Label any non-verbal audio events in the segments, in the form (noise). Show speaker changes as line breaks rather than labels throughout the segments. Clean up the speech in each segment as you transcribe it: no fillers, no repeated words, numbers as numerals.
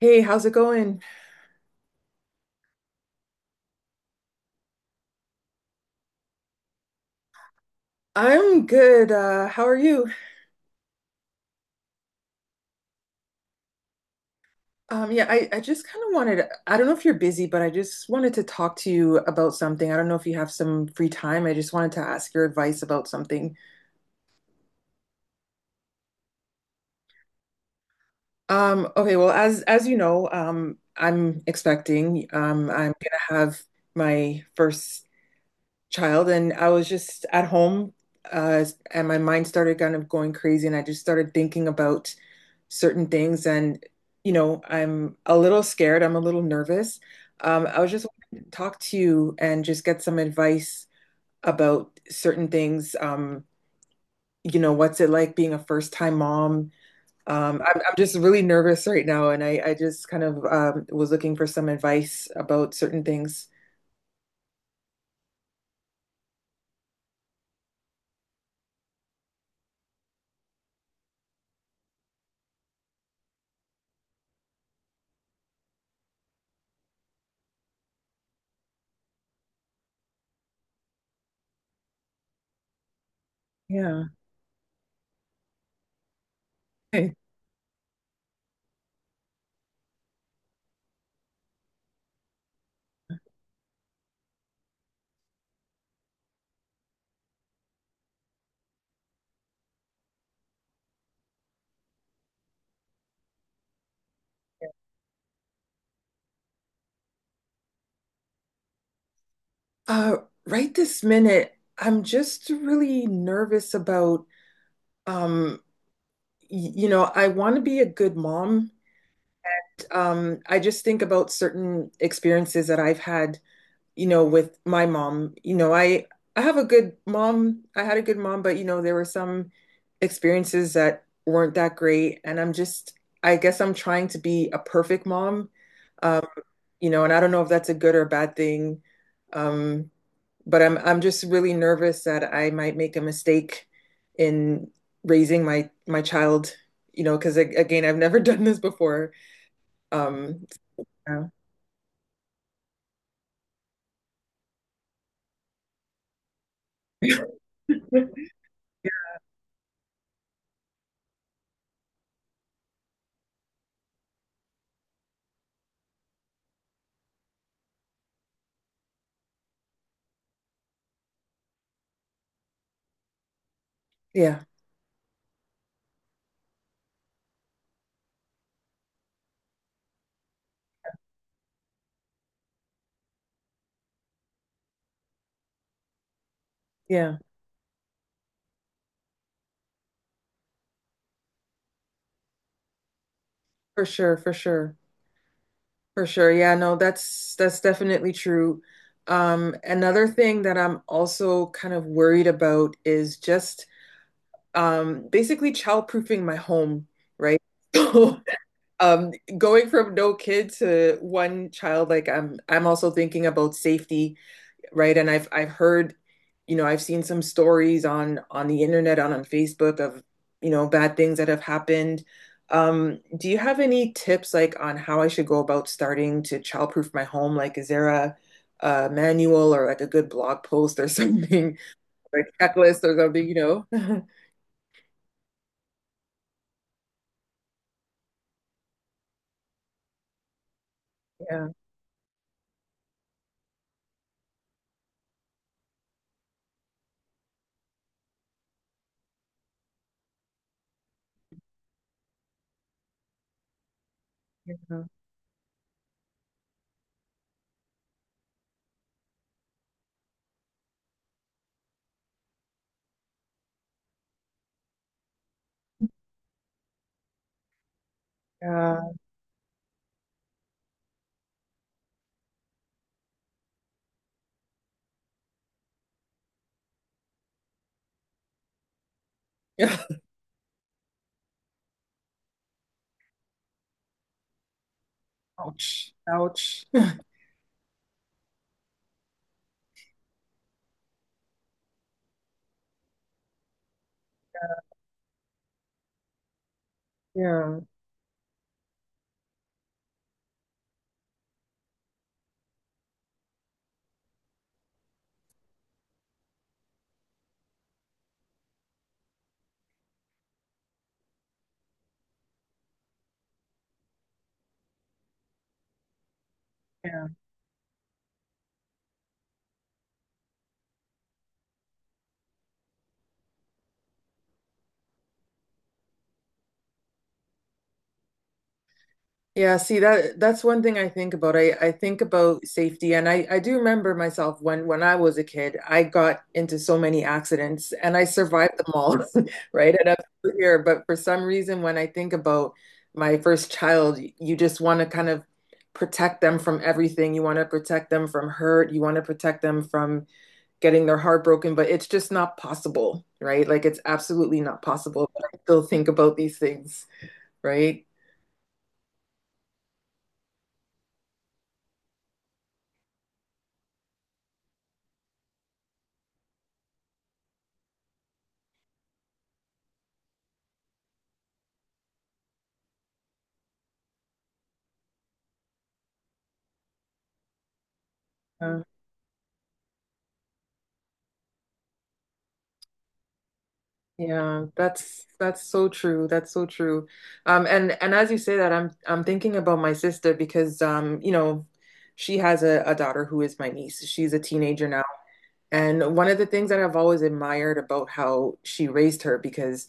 Hey, how's it going? I'm good. How are you? Yeah, I just kind of wanted, I don't know if you're busy, but I just wanted to talk to you about something. I don't know if you have some free time. I just wanted to ask your advice about something. Okay, well, as you know, I'm expecting, I'm gonna have my first child. And I was just at home, uh, and my mind started kind of going crazy. And I just started thinking about certain things. And you know, I'm a little scared. I'm a little nervous. I was just wanting to talk to you and just get some advice about certain things. You know, what's it like being a first time mom? I'm just really nervous right now, and I just kind of was looking for some advice about certain things. Yeah. Okay. uh, right this minute, I'm just really nervous about. um, I want to be a good mom. I just think about certain experiences that I've had with my mom. I have a good mom. I had a good mom, but there were some experiences that weren't that great. And I'm just, I guess I'm trying to be a perfect mom. Um, and I don't know if that's a good or a bad thing. Um, but I'm just really nervous that I might make a mistake in raising my child, you know, because again, I've never (laughs) done this before. Um, so. (laughs) Yeah, yeah, for sure, for sure, for sure. Yeah, no, that's definitely true. Another thing that I'm also kind of worried about is just basically childproofing my home, right? (laughs) So, um, going from no kid to one child, like I'm also thinking about safety, right? And I've heard. I've seen some stories on the internet, on Facebook of bad things that have happened. Do you have any tips like on how I should go about starting to childproof my home? Like, is there a manual or like a good blog post or something, (laughs) or a checklist or something, you know? (laughs) Yeah, yeah, yeah. (laughs) Ouch, ouch. (laughs) Yeah, yeah. Yeah, see that's one thing I think about. I think about safety, and I do remember myself when I was a kid. I got into so many accidents, and I survived them all, (laughs) right? And up to here, but for some reason, when I think about my first child, you just want to kind of protect them from everything. You want to protect them from hurt, you want to protect them from getting their heart broken, but it's just not possible, right? Like it's absolutely not possible, but I still think about these things, right? Yeah, that's so true. That's so true. And as you say that, I'm thinking about my sister, because she has a daughter who is my niece. She's a teenager now. And one of the things that I've always admired about how she raised her, because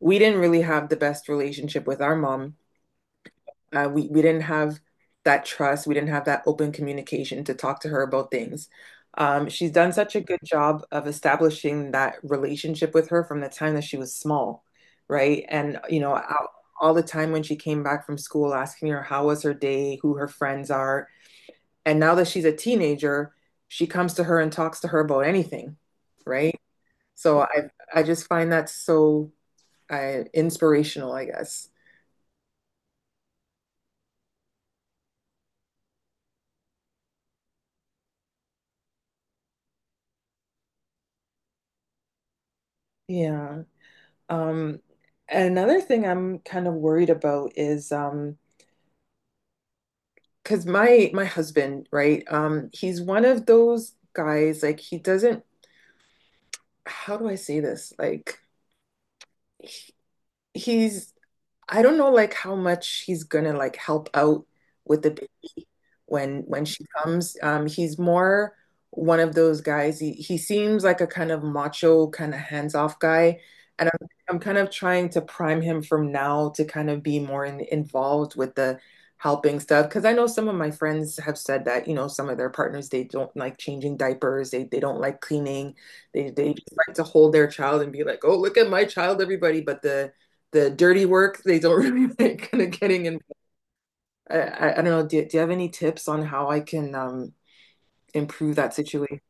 we didn't really have the best relationship with our mom. We didn't have that trust. We didn't have that open communication to talk to her about things. She's done such a good job of establishing that relationship with her from the time that she was small, right? And all the time when she came back from school, asking her how was her day, who her friends are. And now that she's a teenager, she comes to her and talks to her about anything, right? So I just find that so inspirational, I guess. Yeah. Um, Another thing I'm kind of worried about is, because my husband, right? He's one of those guys like he doesn't. How do I say this? Like he, he's, I don't know, like how much he's gonna like help out with the baby when she comes. He's more one of those guys. He seems like a kind of macho, kind of hands-off guy. And I'm kind of trying to prime him from now to kind of be more involved with the helping stuff. Because I know some of my friends have said that, you know, some of their partners, they don't like changing diapers, they don't like cleaning, they just like to hold their child and be like, oh, look at my child, everybody. But the dirty work they don't (laughs) really like kind of getting in. I don't know. Do you have any tips on how I can improve that situation?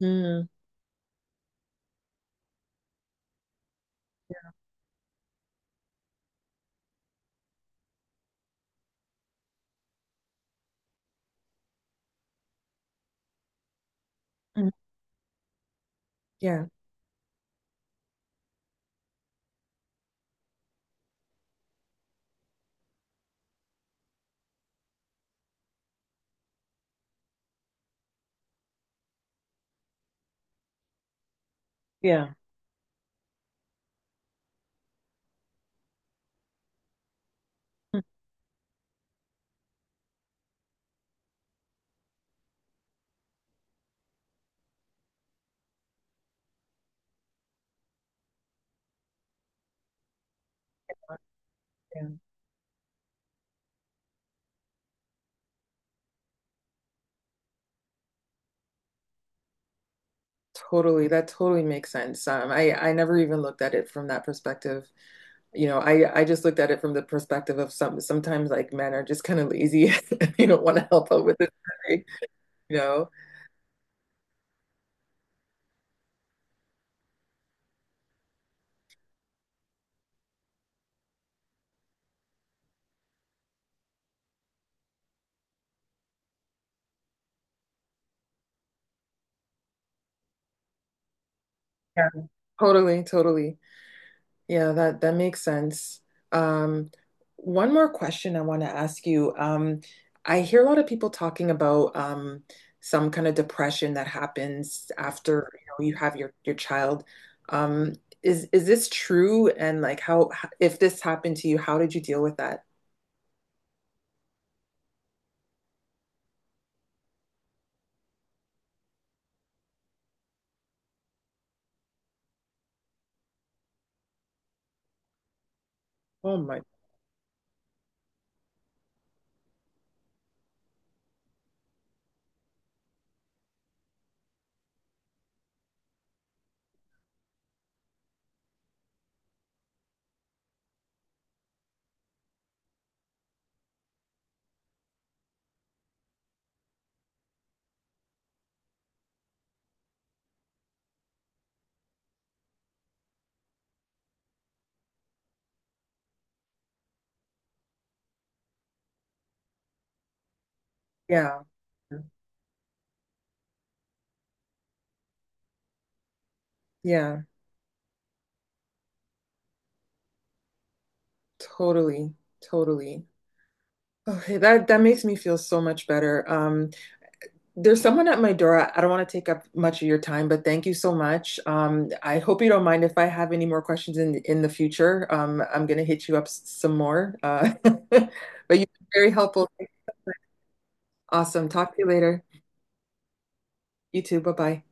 Mm, mm, yeah, yeah, mm, yeah. Totally. That totally makes sense. I never even looked at it from that perspective. I just looked at it from the perspective of sometimes like men are just kind of lazy. (laughs) You don't want to help out with it. You know. Yeah. Totally, totally. Yeah, that makes sense. Um, One more question I want to ask you. I hear a lot of people talking about some kind of depression that happens after you have your child. Um, is this true? And like, how if this happened to you, how did you deal with that? Oh my. Yeah, yeah, totally, totally. Okay, that makes me feel so much better. There's someone at my door. I don't want to take up much of your time, but thank you so much. I hope you don't mind if I have any more questions in the future. I'm gonna hit you up some more. (laughs) But you've been very helpful. Awesome. Talk to you later. You too. Bye bye.